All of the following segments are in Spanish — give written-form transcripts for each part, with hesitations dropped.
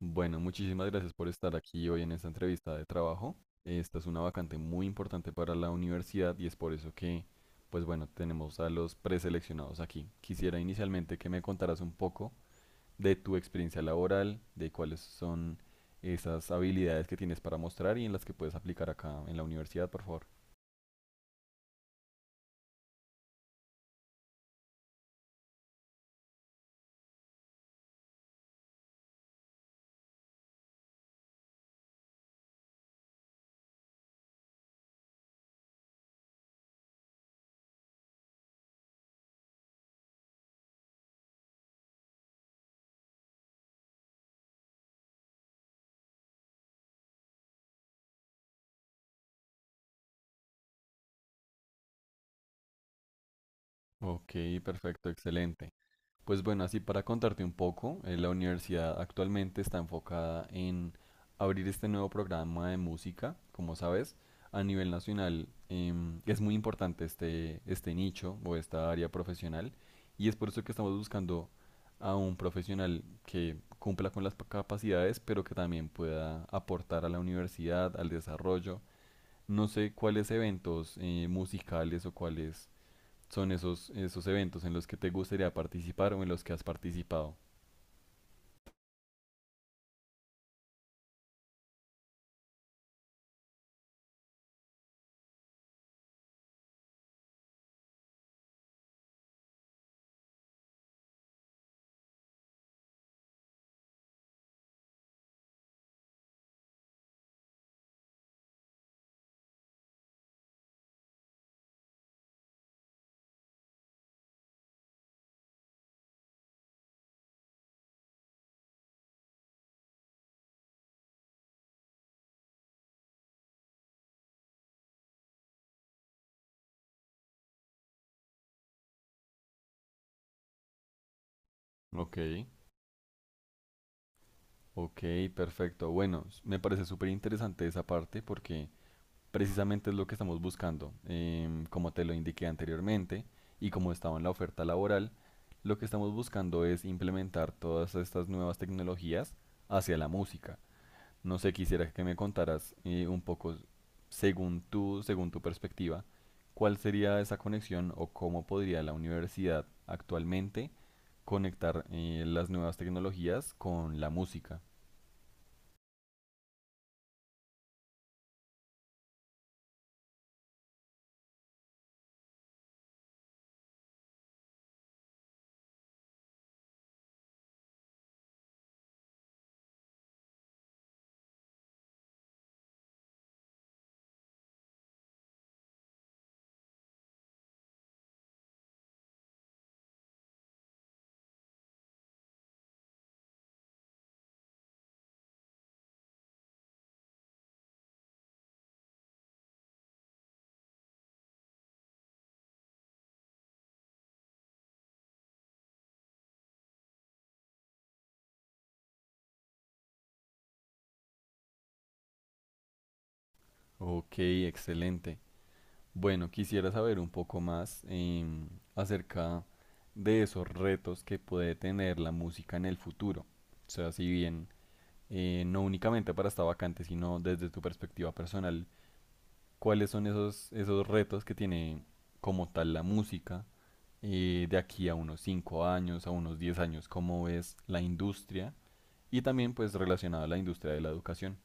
Bueno, muchísimas gracias por estar aquí hoy en esta entrevista de trabajo. Esta es una vacante muy importante para la universidad y es por eso que, pues bueno, tenemos a los preseleccionados aquí. Quisiera inicialmente que me contaras un poco de tu experiencia laboral, de cuáles son esas habilidades que tienes para mostrar y en las que puedes aplicar acá en la universidad, por favor. Ok, perfecto, excelente. Pues bueno, así para contarte un poco, la universidad actualmente está enfocada en abrir este nuevo programa de música, como sabes, a nivel nacional, es muy importante este nicho o esta área profesional y es por eso que estamos buscando a un profesional que cumpla con las capacidades, pero que también pueda aportar a la universidad, al desarrollo. No sé cuáles eventos musicales o cuáles son esos eventos en los que te gustaría participar o en los que has participado. Ok, ok, perfecto. Bueno, me parece súper interesante esa parte porque precisamente es lo que estamos buscando. Como te lo indiqué anteriormente y como estaba en la oferta laboral, lo que estamos buscando es implementar todas estas nuevas tecnologías hacia la música. No sé, quisiera que me contaras un poco, según tú, según tu perspectiva, cuál sería esa conexión o cómo podría la universidad actualmente conectar las nuevas tecnologías con la música. Ok, excelente. Bueno, quisiera saber un poco más, acerca de esos retos que puede tener la música en el futuro. O sea, si bien no únicamente para esta vacante, sino desde tu perspectiva personal, cuáles son esos retos que tiene como tal la música, de aquí a unos 5 años, a unos 10 años, cómo es la industria y también pues relacionado a la industria de la educación.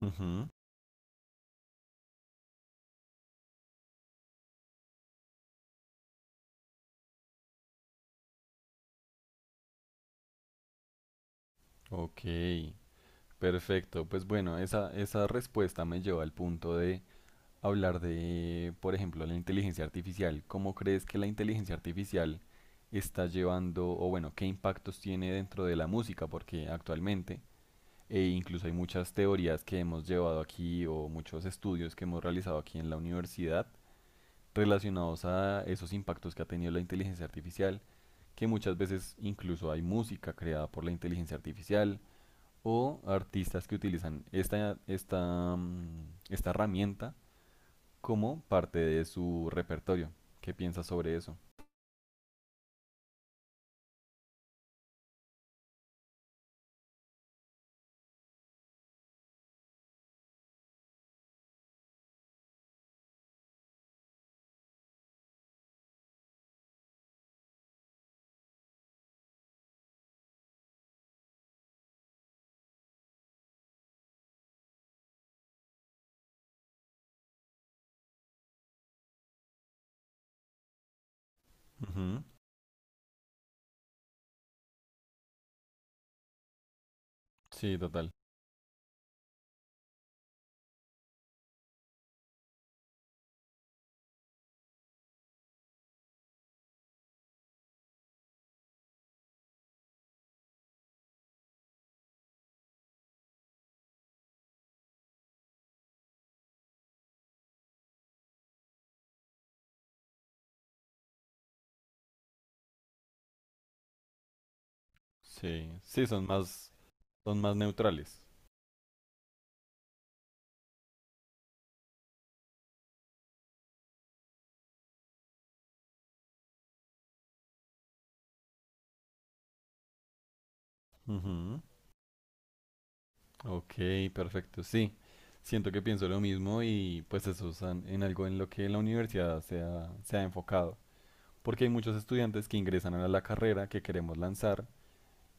Ujú. Ok, perfecto. Pues bueno, esa respuesta me lleva al punto de hablar de, por ejemplo, la inteligencia artificial. ¿Cómo crees que la inteligencia artificial está llevando, o bueno, qué impactos tiene dentro de la música? Porque actualmente e incluso hay muchas teorías que hemos llevado aquí o muchos estudios que hemos realizado aquí en la universidad relacionados a esos impactos que ha tenido la inteligencia artificial, que muchas veces incluso hay música creada por la inteligencia artificial o artistas que utilizan esta herramienta como parte de su repertorio. ¿Qué piensas sobre eso? Ujú. Sí, total. Sí, son más neutrales. Ujú. Ok, perfecto. Sí, siento que pienso lo mismo y pues eso es en algo en lo que la universidad se ha enfocado. Porque hay muchos estudiantes que ingresan a la carrera que queremos lanzar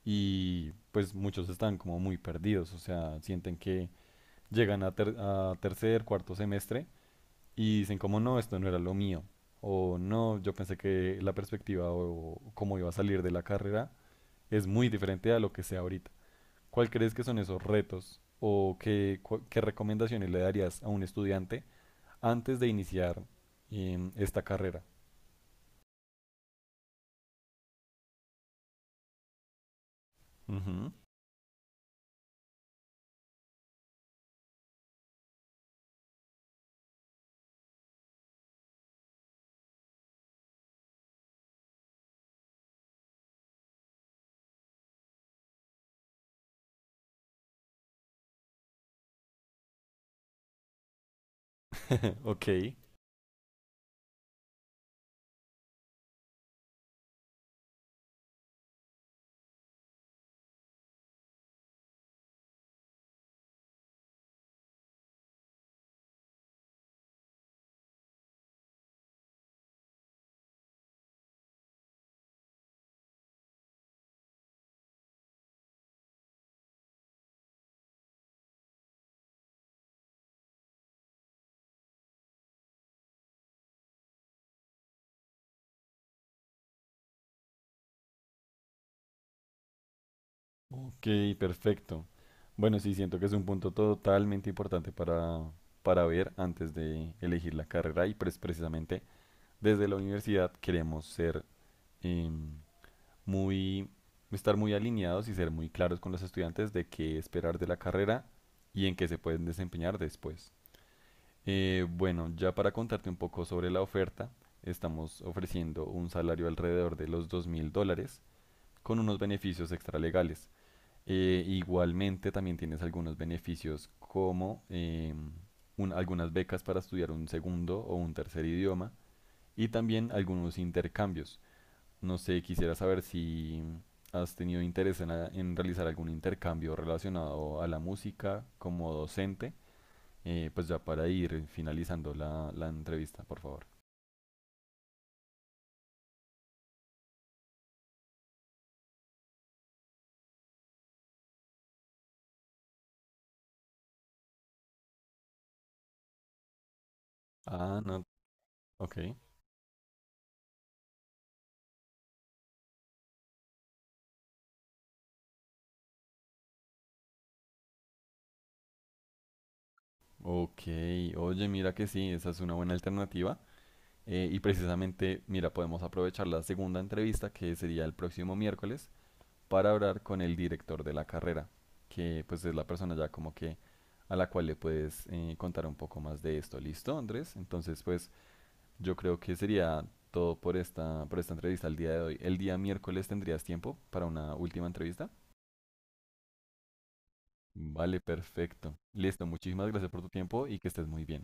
y pues muchos están como muy perdidos, o sea, sienten que llegan a, a tercer, cuarto semestre y dicen como no, esto no era lo mío. O no, yo pensé que la perspectiva o cómo iba a salir de la carrera es muy diferente a lo que sea ahorita. ¿Cuál crees que son esos retos o qué, qué recomendaciones le darías a un estudiante antes de iniciar, esta carrera? Ujú. Ok, ok, perfecto. Bueno, sí, siento que es un punto totalmente importante para ver antes de elegir la carrera y pues precisamente desde la universidad queremos ser, em, muy, estar muy alineados y ser muy claros con los estudiantes de qué esperar de la carrera y en qué se pueden desempeñar después. Bueno, ya para contarte un poco sobre la oferta, estamos ofreciendo un salario alrededor de los $2,000 con unos beneficios extralegales. Igualmente también tienes algunos beneficios como algunas becas para estudiar un segundo o un tercer idioma y también algunos intercambios. No sé, quisiera saber si has tenido interés en, en realizar algún intercambio relacionado a la música como docente. Pues ya para ir finalizando la, la entrevista, por favor. Ah, no. Ok. Ok. Oye, mira que sí, esa es una buena alternativa. Y precisamente, mira, podemos aprovechar la segunda entrevista, que sería el próximo miércoles, para hablar con el director de la carrera, que pues es la persona ya como que a la cual le puedes contar un poco más de esto. ¿Listo, Andrés? Entonces, pues yo creo que sería todo por esta entrevista el día de hoy. ¿El día miércoles tendrías tiempo para una última entrevista? Vale, perfecto. Listo, muchísimas gracias por tu tiempo y que estés muy bien.